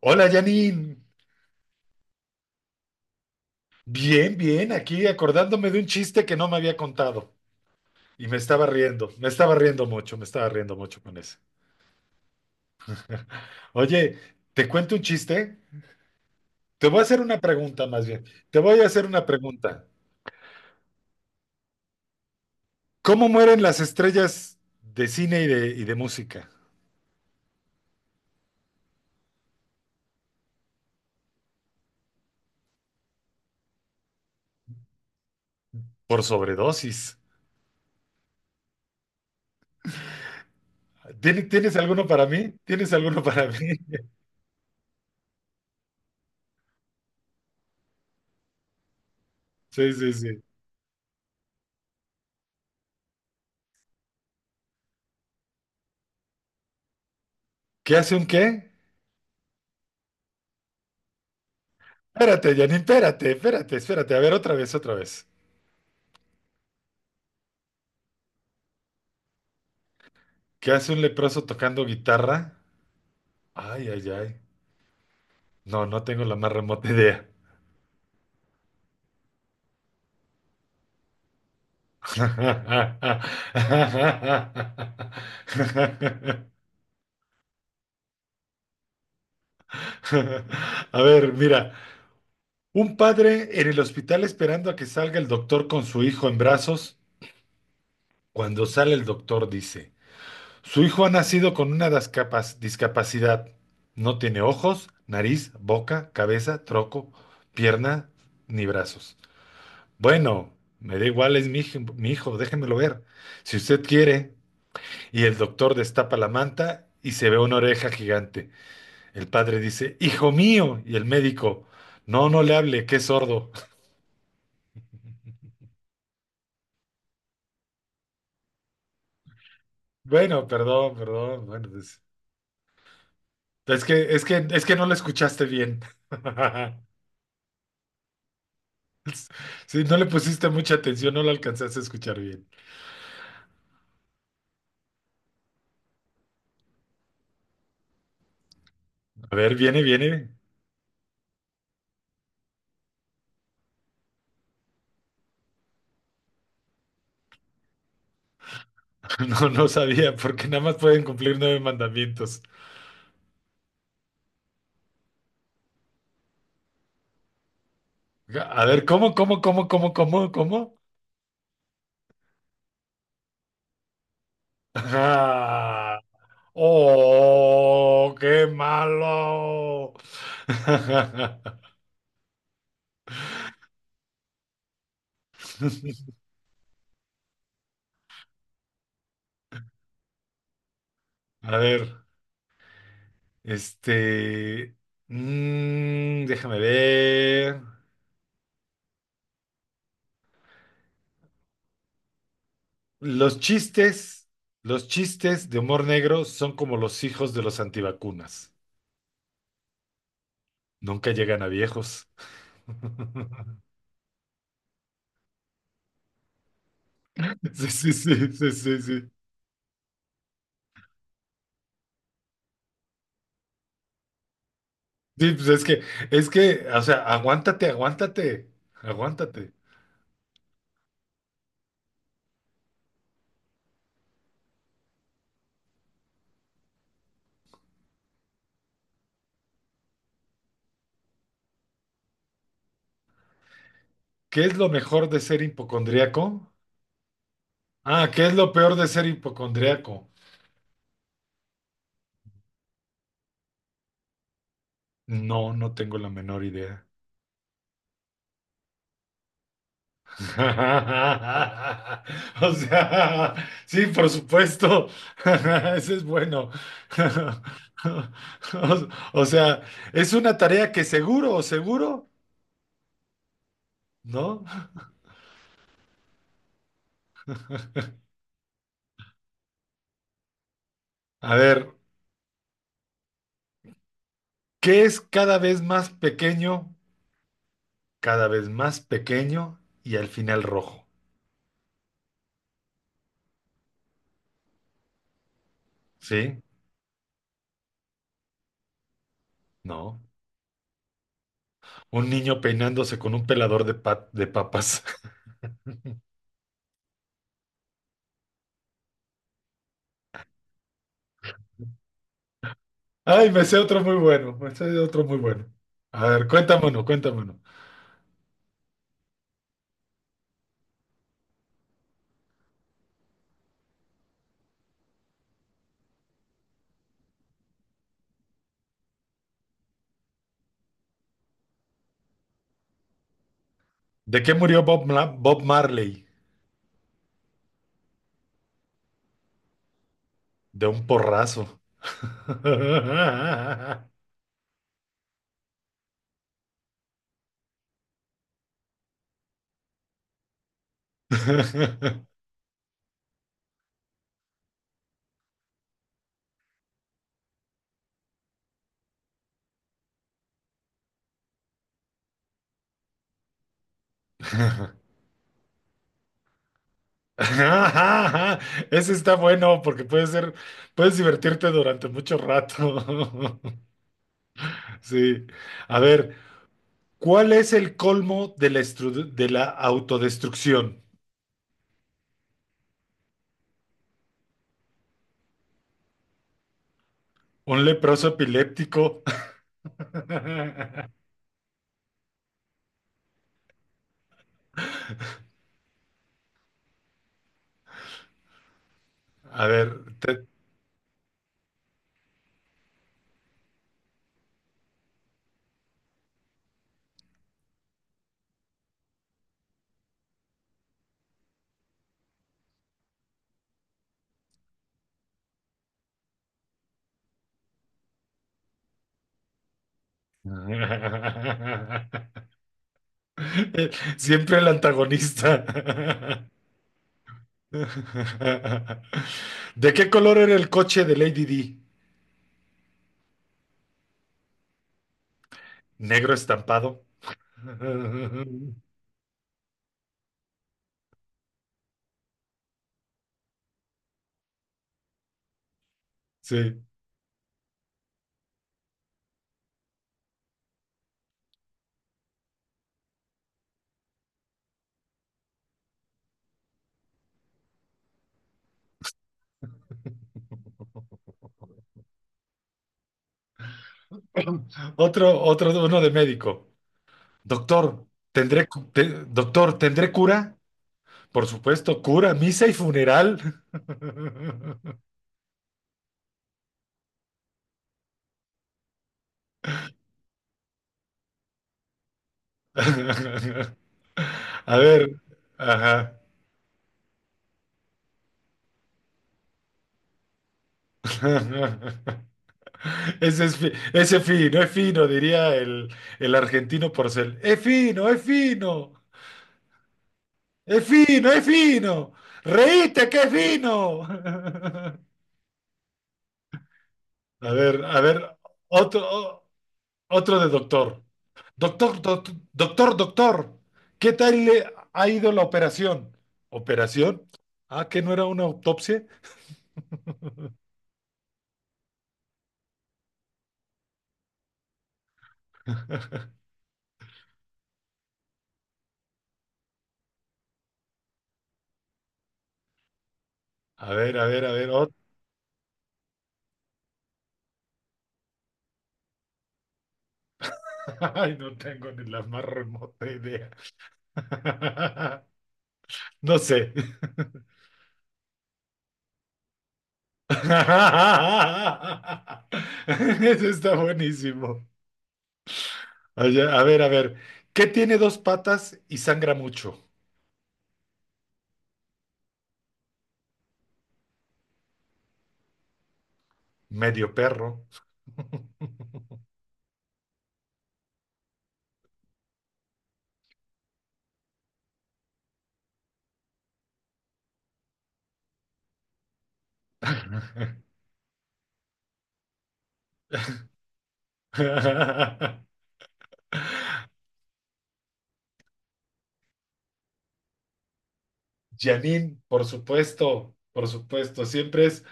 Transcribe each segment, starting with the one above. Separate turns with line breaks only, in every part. Hola Janine, bien, bien, aquí acordándome de un chiste que no me había contado y me estaba riendo, me estaba riendo mucho con ese. Oye, ¿te cuento un chiste? Te voy a hacer una pregunta más bien, te voy a hacer una pregunta. ¿Cómo mueren las estrellas de cine y de música? Por sobredosis. ¿Tienes alguno para mí? ¿Tienes alguno para mí? Sí, sí, sí. ¿Qué hace un qué? Espérate, Janine, espérate. A ver, otra vez. ¿Qué hace un leproso tocando guitarra? Ay, ay, ay. No, no tengo la más remota idea. A ver, mira, un padre en el hospital esperando a que salga el doctor con su hijo en brazos. Cuando sale el doctor dice, su hijo ha nacido con una discapacidad. No tiene ojos, nariz, boca, cabeza, troco, pierna, ni brazos. Bueno, me da igual, es mi hijo, déjemelo ver. Si usted quiere. Y el doctor destapa la manta y se ve una oreja gigante. El padre dice, hijo mío, y el médico, no, no le hable, que es sordo. Bueno, perdón, perdón, bueno, pues, es que no lo escuchaste bien. Si no le pusiste mucha atención, no lo alcanzaste a escuchar bien. A ver, viene. No, no sabía, porque nada más pueden cumplir nueve mandamientos. A ver, ¿ cómo? Ah. ¡Oh, qué malo! A ver, este... déjame ver. Los chistes, los chistes de humor negro son como los hijos de los antivacunas. Nunca llegan a viejos. Sí, sí, sí, sí, sí, sí. Sí, pues es que, o sea, aguántate. ¿Qué es lo mejor de ser hipocondríaco? Ah, ¿qué es lo peor de ser hipocondriaco? No, no tengo la menor idea. O sea, sí, por supuesto. Ese es bueno. O sea, es una tarea que seguro, ¿no? A ver, ¿qué es cada vez más pequeño, ¿cada vez más pequeño y al final rojo? ¿Sí? No. Un niño peinándose con un pelador de papas. Ay, me sé otro muy bueno. A ver, cuéntame uno. ¿De qué murió Bob Marley? De un porrazo. Ese está bueno porque puedes divertirte durante mucho rato. Sí. A ver, ¿cuál es el colmo de la autodestrucción? ¿Un leproso epiléptico? A ver, te- Siempre el antagonista. ¿De qué color era el coche de Lady D? Negro estampado. Sí. Otro, uno de médico. Doctor, doctor, ¿tendré cura? Por supuesto, cura, misa y funeral. A ver, ajá. Ese fino, es fino, diría el argentino Porcel. Es fino, es fino. Reíste, que es fino. A ver, otro, o- otro de doctor. Doctor, ¿qué tal le ha ido la operación? ¿Operación? Ah, que no era una autopsia. A ver. Ot- Ay, no tengo ni la más remota idea. No sé. Eso está buenísimo. Oye, a ver. ¿Qué tiene dos patas y sangra mucho? Medio perro. Janine, por supuesto, por supuesto.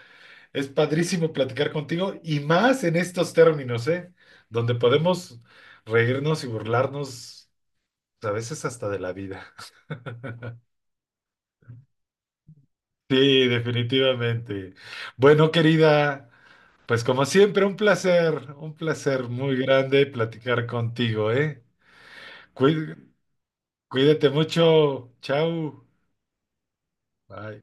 Es padrísimo platicar contigo y más en estos términos, ¿eh? Donde podemos reírnos y burlarnos a veces hasta de la vida. Sí, definitivamente. Bueno, querida, pues como siempre, un placer muy grande platicar contigo, ¿eh? Cuí- Cuídate mucho. Chao. Bye.